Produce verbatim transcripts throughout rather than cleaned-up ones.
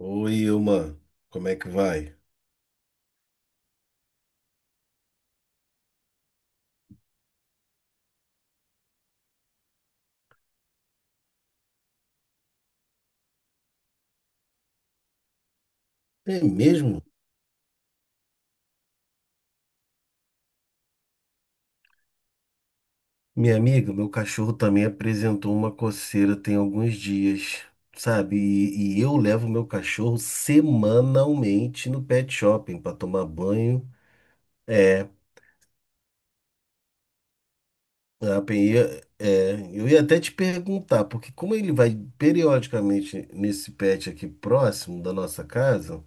Oi, Ilma, como é que vai? É mesmo? Minha amiga, meu cachorro também apresentou uma coceira tem alguns dias, sabe? E, e eu levo meu cachorro semanalmente no pet shopping para tomar banho. É, a P I, é, eu ia até te perguntar, porque como ele vai periodicamente nesse pet aqui próximo da nossa casa,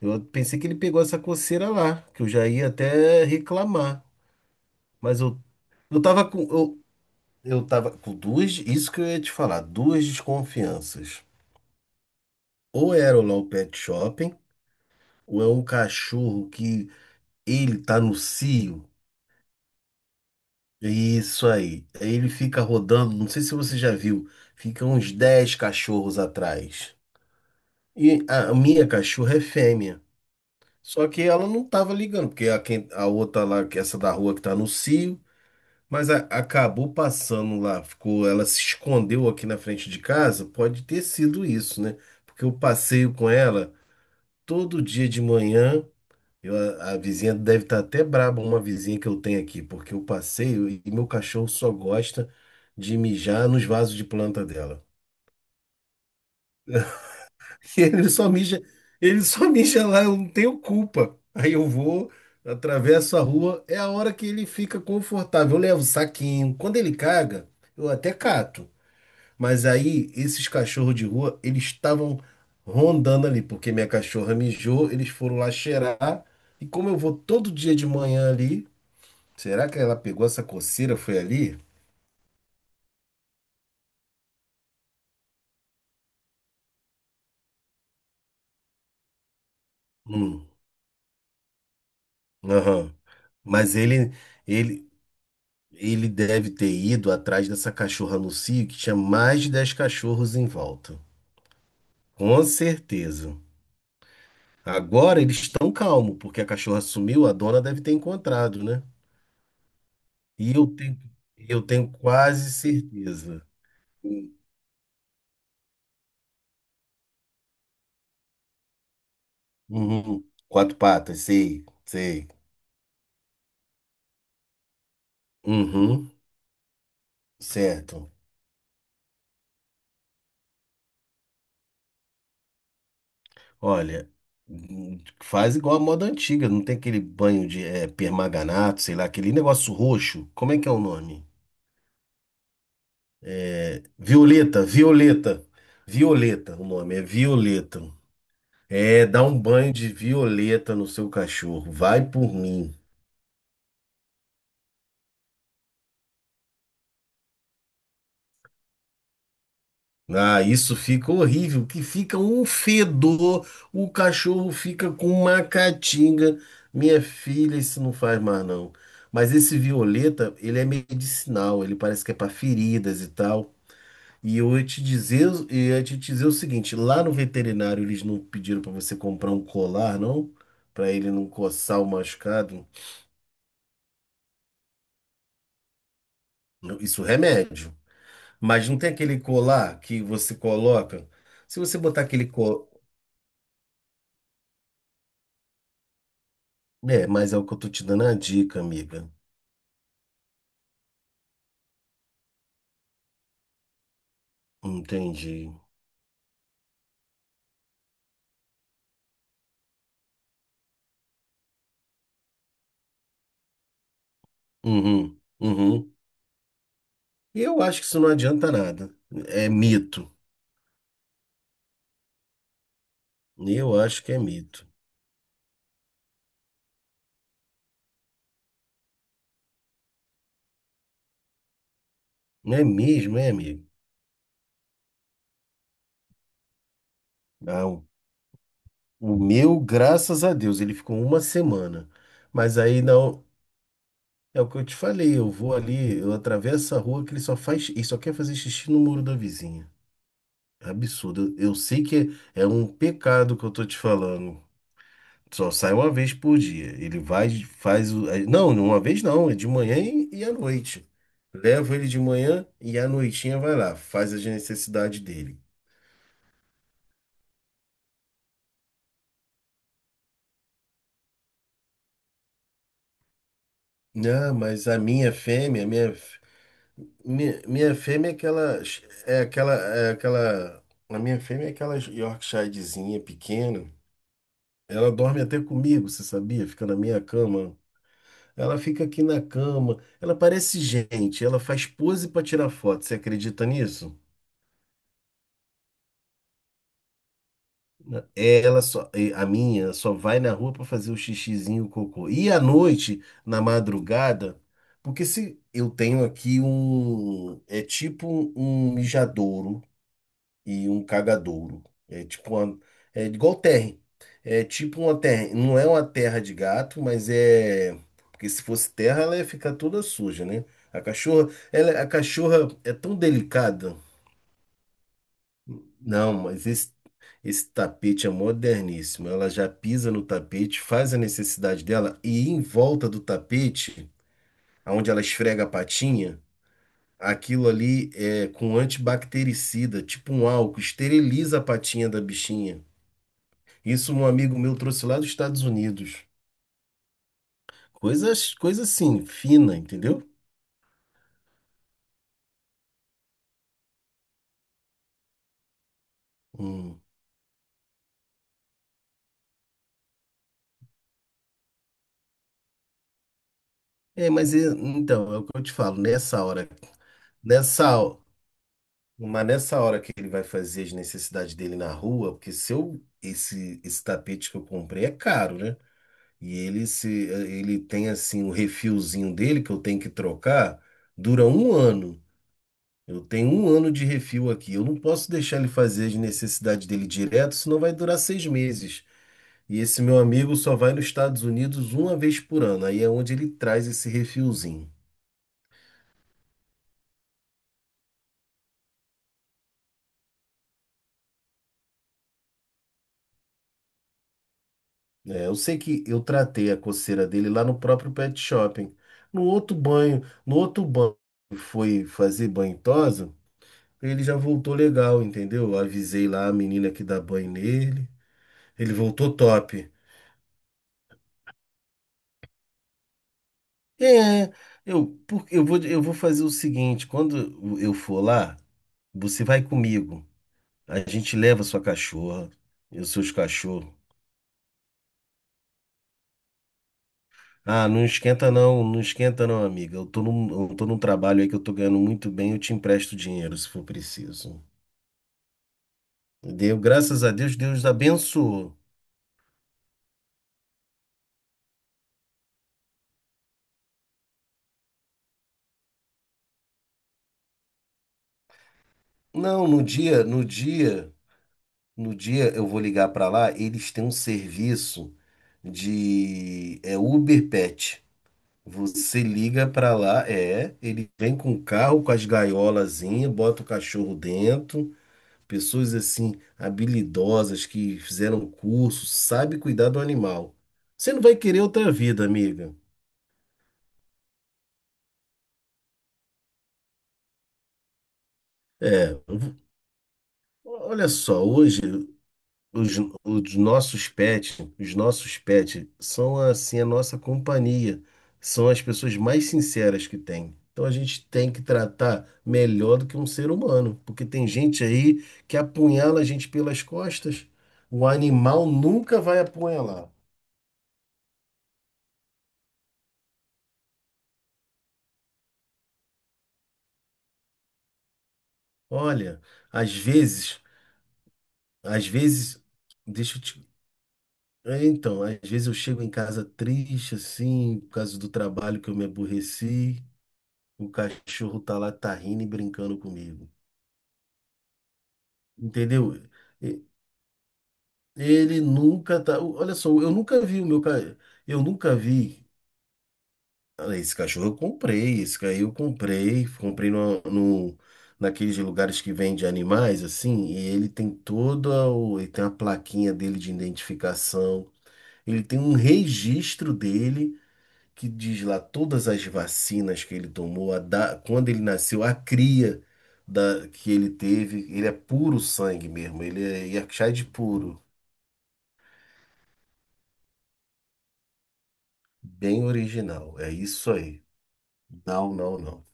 eu pensei que ele pegou essa coceira lá, que eu já ia até reclamar. Mas eu, eu tava com. Eu, Eu tava com duas, isso que eu ia te falar, duas desconfianças. Ou era lá o Law Pet Shopping, ou é um cachorro que ele tá no cio. Isso aí. Aí ele fica rodando, não sei se você já viu, fica uns dez cachorros atrás. E a minha cachorra é fêmea. Só que ela não tava ligando, porque a, quem- a outra lá, que essa da rua que tá no cio, mas a- acabou passando lá, ficou, ela se escondeu aqui na frente de casa, pode ter sido isso, né? Porque eu passeio com ela todo dia de manhã. eu- a, a vizinha deve estar até braba, uma vizinha que eu tenho aqui, porque eu passeio e meu cachorro só gosta de mijar nos vasos de planta dela. Ele só mija, ele só mija lá, eu não tenho culpa. Aí eu vou, atravesso a rua, é a hora que ele fica confortável. Eu levo o saquinho. Quando ele caga, eu até cato. Mas aí, esses cachorros de rua, eles estavam rondando ali, porque minha cachorra mijou, eles foram lá cheirar. E como eu vou todo dia de manhã ali, será que ela pegou essa coceira, foi ali? Hum, aham. Mas ele, ele, ele deve ter ido atrás dessa cachorra no cio, que tinha mais de dez cachorros em volta. Com certeza. Agora eles estão calmos, porque a cachorra sumiu, a dona deve ter encontrado, né? E eu tenho, eu tenho quase certeza. Uhum. Quatro patas, sei, sei. Uhum, certo. Olha, hum, faz igual a moda antiga, não tem aquele banho de eh, permanganato, sei lá, aquele negócio roxo. Como é que é o nome? Violeta, Violeta. Violeta, o nome é Violeta. É, dá um banho de violeta no seu cachorro. Vai por mim. Ah, isso fica horrível, que fica um fedor, o cachorro fica com uma catinga. Minha filha, isso não faz mais não. Mas esse violeta, ele é medicinal, ele parece que é para feridas e tal. E eu ia te dizer, eu ia te dizer o seguinte, lá no veterinário eles não pediram para você comprar um colar, não? Para ele não coçar o machucado. Não, isso é remédio. Mas não tem aquele colar que você coloca? Se você botar aquele colar. É, mas é o que eu tô te dando a dica, amiga. Entendi. Uhum, uhum. Eu acho que isso não adianta nada. É mito. Eu acho que é mito. Não é mesmo, é, amigo? Não. O meu, graças a Deus, ele ficou uma semana. Mas aí não. É o que eu te falei. Eu vou ali, eu atravesso a rua que ele só faz. Ele só quer fazer xixi no muro da vizinha. É absurdo. Eu, eu sei que é, é um pecado que eu tô te falando. Só sai uma vez por dia. Ele vai, faz o. aí- Não, uma vez não, é de manhã e e à noite. Levo ele de manhã e à noitinha vai lá, faz as necessidades dele. Ah, mas a minha fêmea, a minha, f- minha, minha fêmea é aquela, é aquela, é aquela, a minha fêmea é aquela Yorkshirezinha pequena. Ela dorme até comigo, você sabia? Fica na minha cama. Ela fica aqui na cama. Ela parece gente. Ela faz pose para tirar foto. Você acredita nisso? é, Ela só, é, a minha só vai na rua para fazer o xixizinho, o cocô. E à noite, na madrugada, porque se eu tenho aqui um, é tipo um mijadouro e um cagadouro. É tipo uma, é igual terra. É tipo uma terra, não é uma terra de gato, mas é, porque se fosse terra, ela ia ficar toda suja, né? A cachorra, ela, a cachorra é tão delicada. Não, mas esse, esse tapete é moderníssimo. Ela já pisa no tapete, faz a necessidade dela e em volta do tapete, onde ela esfrega a patinha, aquilo ali é com antibactericida, tipo um álcool, esteriliza a patinha da bichinha. Isso um amigo meu trouxe lá dos Estados Unidos. Coisas, coisa assim, fina, entendeu? Hum. É, mas é- então, é o que eu te falo, nessa hora, nessa, mas nessa hora que ele vai fazer as necessidades dele na rua, porque se eu, esse, esse tapete que eu comprei é caro, né? E ele, se, ele tem assim o refilzinho dele que eu tenho que trocar, dura um ano. Eu tenho um ano de refil aqui. Eu não posso deixar ele fazer as necessidades dele direto, senão vai durar seis meses. E esse meu amigo só vai nos Estados Unidos uma vez por ano. Aí é onde ele traz esse refilzinho. É, eu sei que eu tratei a coceira dele lá no próprio pet shopping. No outro banho, no outro banho que foi fazer banho em tosa, ele já voltou legal, entendeu? Eu avisei lá a menina que dá banho nele. Ele voltou top. É, eu, por- eu vou, eu vou fazer o seguinte, quando eu for lá, você vai comigo. A gente leva sua cachorra e os seus cachorros. Ah, não esquenta não, não esquenta não, amiga. Eu tô num, eu tô num trabalho aí que eu tô ganhando muito bem, eu te empresto dinheiro se for preciso. Deu, graças a Deus, Deus abençoou. Não, no dia, no dia, no dia eu vou ligar pra lá, eles têm um serviço de é Uber Pet. Você liga pra lá, é, ele vem com o carro, com as gaiolazinhas, bota o cachorro dentro. Pessoas assim, habilidosas, que fizeram curso, sabe cuidar do animal. Você não vai querer outra vida, amiga. É, eu vou- olha só, hoje os, os nossos pets, os nossos pets são assim a nossa companhia, são as pessoas mais sinceras que tem. Então a gente tem que tratar melhor do que um ser humano, porque tem gente aí que apunhala a gente pelas costas. O animal nunca vai apunhalar. Olha, às vezes Às vezes, deixa eu te. É, então, às vezes eu chego em casa triste, assim, por causa do trabalho que eu me aborreci, o cachorro tá lá, tá rindo e brincando comigo. Entendeu? E- Ele nunca tá. o- Olha só, eu nunca vi o meu cachorro. Eu nunca vi. Ah, esse cachorro eu comprei, esse aí eu comprei, comprei no, no, naqueles lugares que vende animais, assim, e ele tem toda o, ele tem a plaquinha dele de identificação. Ele tem um registro dele que diz lá todas as vacinas que ele tomou, a da- quando ele nasceu, a cria da, que ele teve, ele é puro sangue mesmo, ele é Yorkshire puro, bem original, é isso aí. Não, não, não.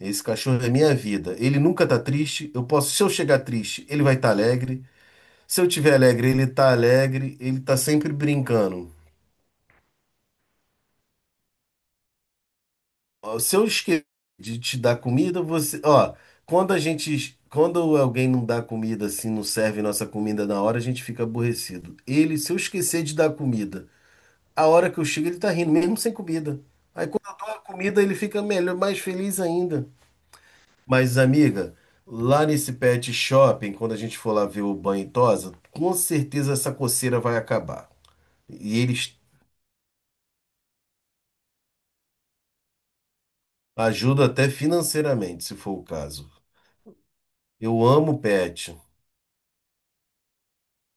Esse cachorro é minha vida. Ele nunca tá triste. Eu posso, se eu chegar triste, ele vai estar alegre. Se eu tiver alegre, ele tá alegre. Ele tá sempre brincando. Ó, se eu esquecer de te dar comida, você, ó, quando a gente, quando alguém não dá comida assim, não serve nossa comida na hora, a gente fica aborrecido. Ele, se eu esquecer de dar comida, a hora que eu chego ele tá rindo, mesmo sem comida. Aí quando eu dou a comida, ele fica melhor, mais feliz ainda. Mas amiga, lá nesse pet shopping, quando a gente for lá ver o banho e tosa, com certeza essa coceira vai acabar. E eles ajudam até financeiramente, se for o caso. Eu amo pet.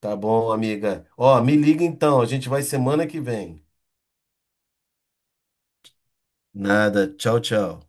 Tá bom, amiga. Ó, me liga então, a gente vai semana que vem. Nada. Tchau, tchau.